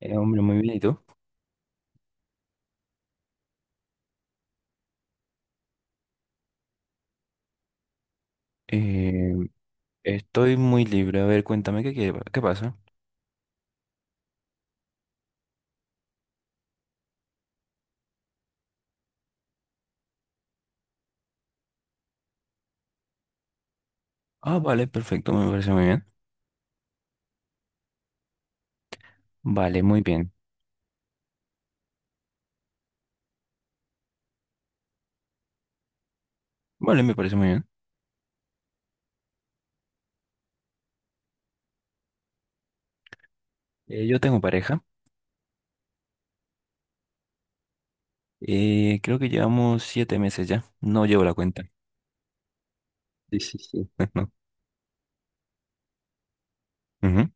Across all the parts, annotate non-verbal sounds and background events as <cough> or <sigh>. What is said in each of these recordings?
Hombre, muy bien, ¿y tú? Eh, Estoy muy libre. A ver, cuéntame qué pasa. Ah, vale, perfecto, me parece muy bien. Vale, muy bien. Vale, me parece muy bien. Yo tengo pareja. Creo que llevamos 7 meses ya. No llevo la cuenta. Sí, sí, sí. <laughs> No. Ujú.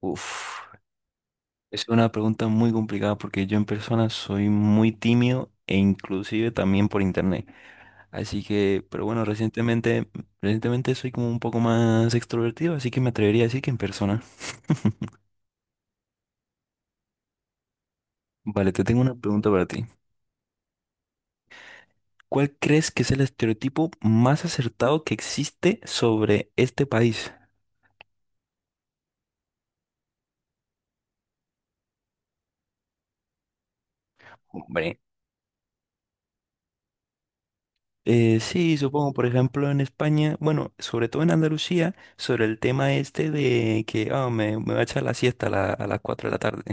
Uf, es una pregunta muy complicada porque yo en persona soy muy tímido e inclusive también por internet. Así que, pero bueno, recientemente soy como un poco más extrovertido, así que me atrevería a decir que en persona. Vale, te tengo una pregunta para ti. ¿Cuál crees que es el estereotipo más acertado que existe sobre este país? Hombre. Sí, supongo, por ejemplo, en España, bueno, sobre todo en Andalucía, sobre el tema este de que ah, me va a echar la siesta a, a las 4 de la tarde.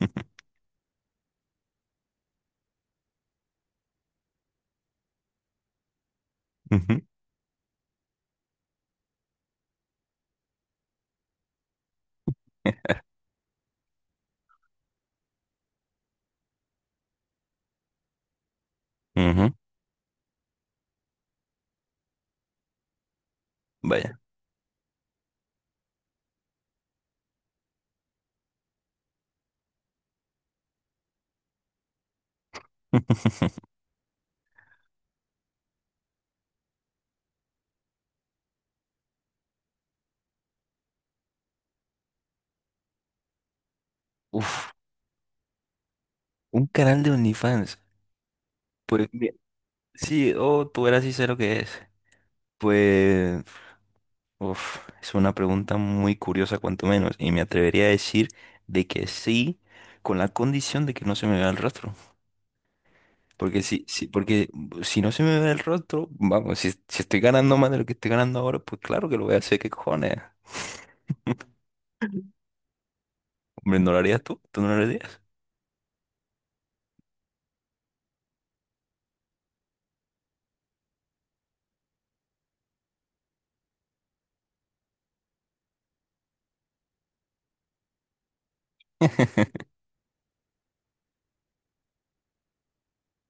<laughs> Ujú, ujú. Vaya. <laughs> Uf, un canal de OnlyFans. Pues mi- sí, oh, tú verás si sé lo que es. Pues Uf, es una pregunta muy curiosa, cuanto menos, y me atrevería a decir de que sí, con la condición de que no se me vea el rostro. Porque porque si no se me ve el rostro, vamos, si estoy ganando más de lo que estoy ganando ahora, pues claro que lo voy a hacer, ¿qué cojones? Hombre, ¿no lo harías tú? ¿Tú no lo harías?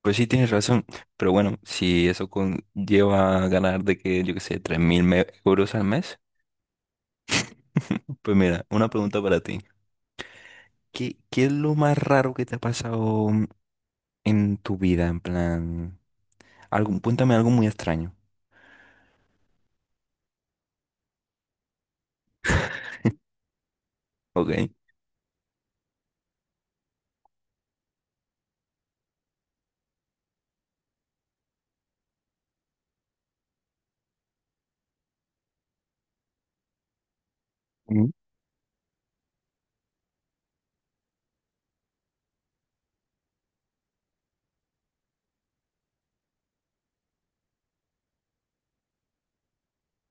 Pues sí, tienes razón, pero bueno, si eso conlleva ganar de que, yo qué sé, 3000 euros al mes, pues mira, una pregunta para ti. ¿Qué es lo más raro que te ha pasado en tu vida, en plan? Algo, cuéntame algo muy extraño, ¿ok? Mm.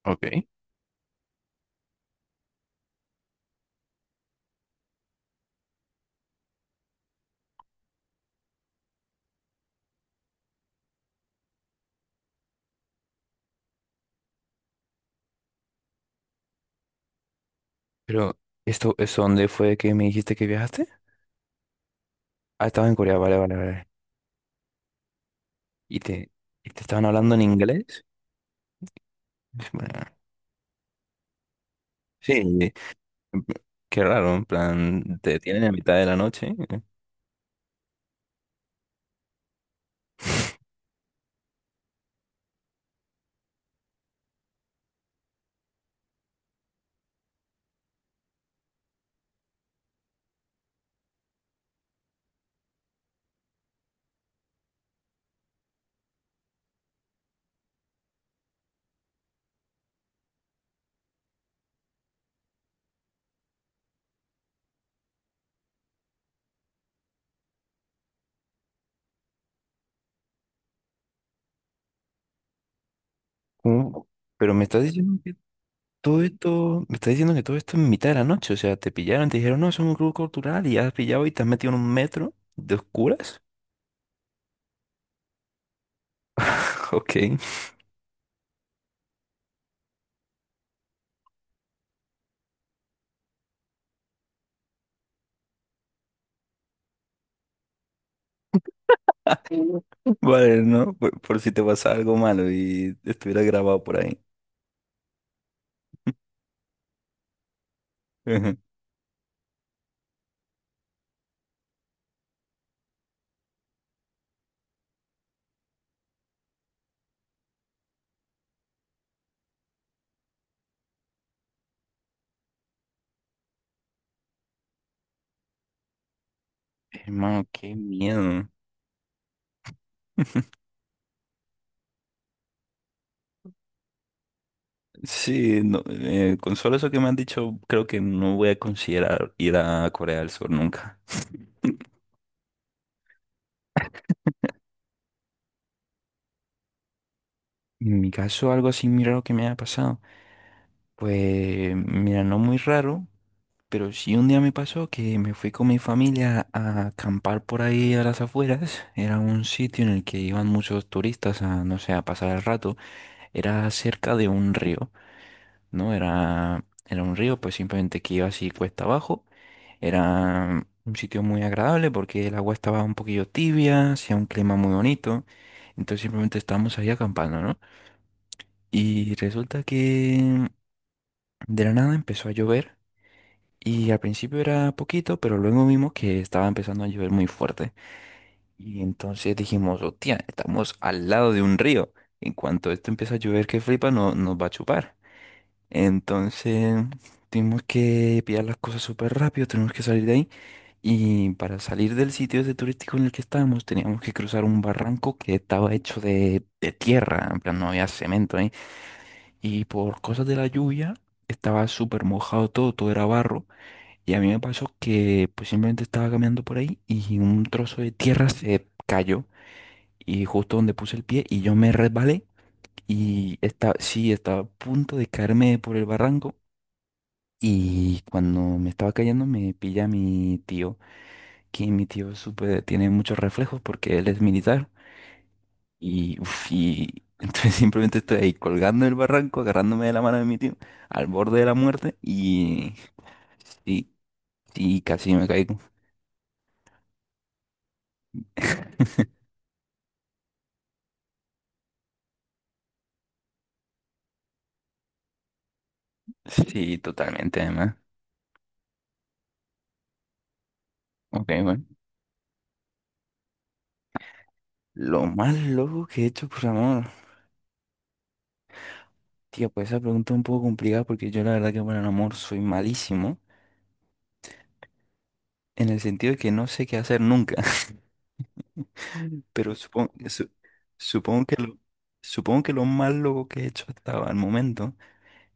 Ok. Pero, ¿esto es dónde fue que me dijiste que viajaste? Ah, estaba en Corea, vale, vale, vale. ¿Y te, ¿y te estaban hablando en inglés? <laughs> Bueno, sí, qué raro, en plan, te detienen a mitad de la noche. ¿Eh? ¿Cómo? Pero me estás diciendo que todo esto, me estás diciendo que todo esto es en mitad de la noche, o sea, te pillaron, te dijeron, no, es un grupo cultural y has pillado y te has metido en un metro de oscuras. <laughs> Ok. Vale, ¿no? Por si te pasa algo malo y estuviera grabado por ahí. Ujú. Hermano, qué miedo. Sí, no, con solo eso que me han dicho, creo que no voy a considerar ir a Corea del Sur nunca. En mi caso, algo así muy raro que me haya pasado. Pues, mira, no muy raro, pero sí un día me pasó que me fui con mi familia a acampar por ahí a las afueras. Era un sitio en el que iban muchos turistas a, no sé, a pasar el rato. Era cerca de un río. ¿No? Era un río, pues simplemente que iba así cuesta abajo. Era un sitio muy agradable porque el agua estaba un poquillo tibia, hacía un clima muy bonito. Entonces simplemente estábamos ahí acampando, ¿no? Y resulta que de la nada empezó a llover. Y al principio era poquito, pero luego vimos que estaba empezando a llover muy fuerte. Y entonces dijimos, hostia, estamos al lado de un río. En cuanto esto empieza a llover que flipa, no, nos va a chupar. Entonces, tuvimos que pillar las cosas súper rápido, tenemos que salir de ahí. Y para salir del sitio ese turístico en el que estábamos, teníamos que cruzar un barranco que estaba hecho de tierra, en plan no había cemento ahí. Y por cosas de la lluvia, estaba súper mojado todo, todo era barro. Y a mí me pasó que pues simplemente estaba caminando por ahí y un trozo de tierra se cayó. Y justo donde puse el pie y yo me resbalé. Y estaba, sí, estaba a punto de caerme por el barranco. Y cuando me estaba cayendo me pilla mi tío, que mi tío es tiene muchos reflejos porque él es militar. Y, uf, y <laughs> entonces simplemente estoy ahí colgando del barranco, agarrándome de la mano de mi tío, al borde de la muerte y, y casi me caigo. <laughs> Sí, totalmente además. Ok, bueno. Lo más loco que he hecho por amor. Tío, pues esa pregunta es un poco complicada porque yo la verdad que por el amor soy malísimo. En el sentido de que no sé qué hacer nunca. <laughs> Pero supongo, supongo que lo, supongo que lo más loco que he hecho hasta el momento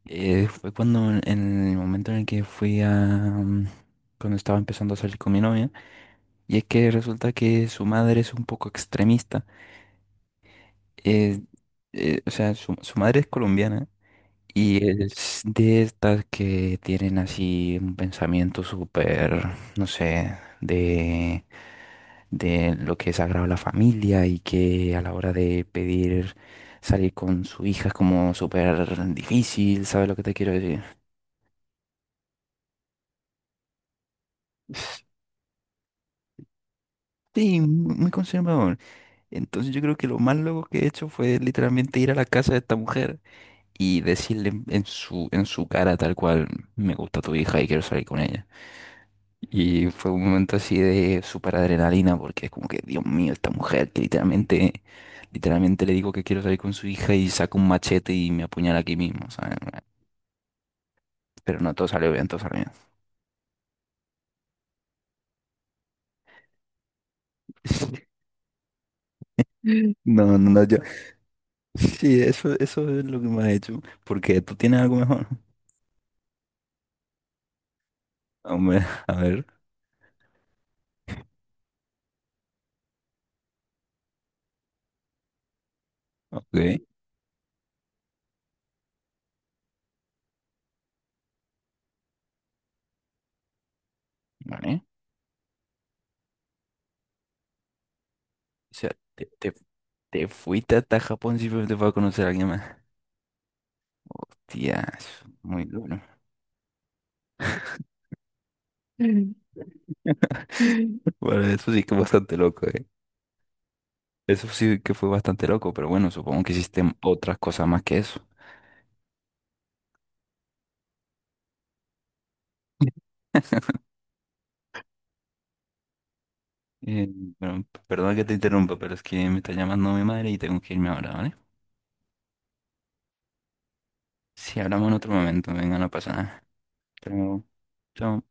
fue cuando en el momento en el que fui a cuando estaba empezando a salir con mi novia y es que resulta que su madre es un poco extremista eh, o sea su madre es colombiana y es de estas que tienen así un pensamiento súper no sé de lo que es sagrado a la familia y que a la hora de pedir salir con su hija es como súper difícil, ¿sabes lo que te quiero decir? Sí, muy conservador. Entonces yo creo que lo más loco que he hecho fue literalmente ir a la casa de esta mujer y decirle en su cara tal cual, me gusta tu hija y quiero salir con ella. Y fue un momento así de súper adrenalina, porque es como que, Dios mío, esta mujer que literalmente le digo que quiero salir con su hija y saca un machete y me apuñala aquí mismo, ¿sabes? Pero no, todo salió bien, todo salió bien. <laughs> No, no, no, yo. Sí, eso es lo que me ha hecho. Porque tú tienes algo mejor. <laughs> Hombre, a ver, ok. Vale. O sea, te fuiste hasta Japón simplemente para conocer a alguien más. Hostia, eso es muy duro. <laughs> Bueno, eso sí que es bastante loco, ¿eh? Eso sí que fue bastante loco, pero bueno, supongo que hiciste otras cosas más que eso. <laughs> Eh, bueno, perdón que te interrumpa, pero es que me está llamando mi madre y tengo que irme ahora, ¿vale? Si hablamos en otro momento, venga, no pasa nada. Hasta luego. Chao.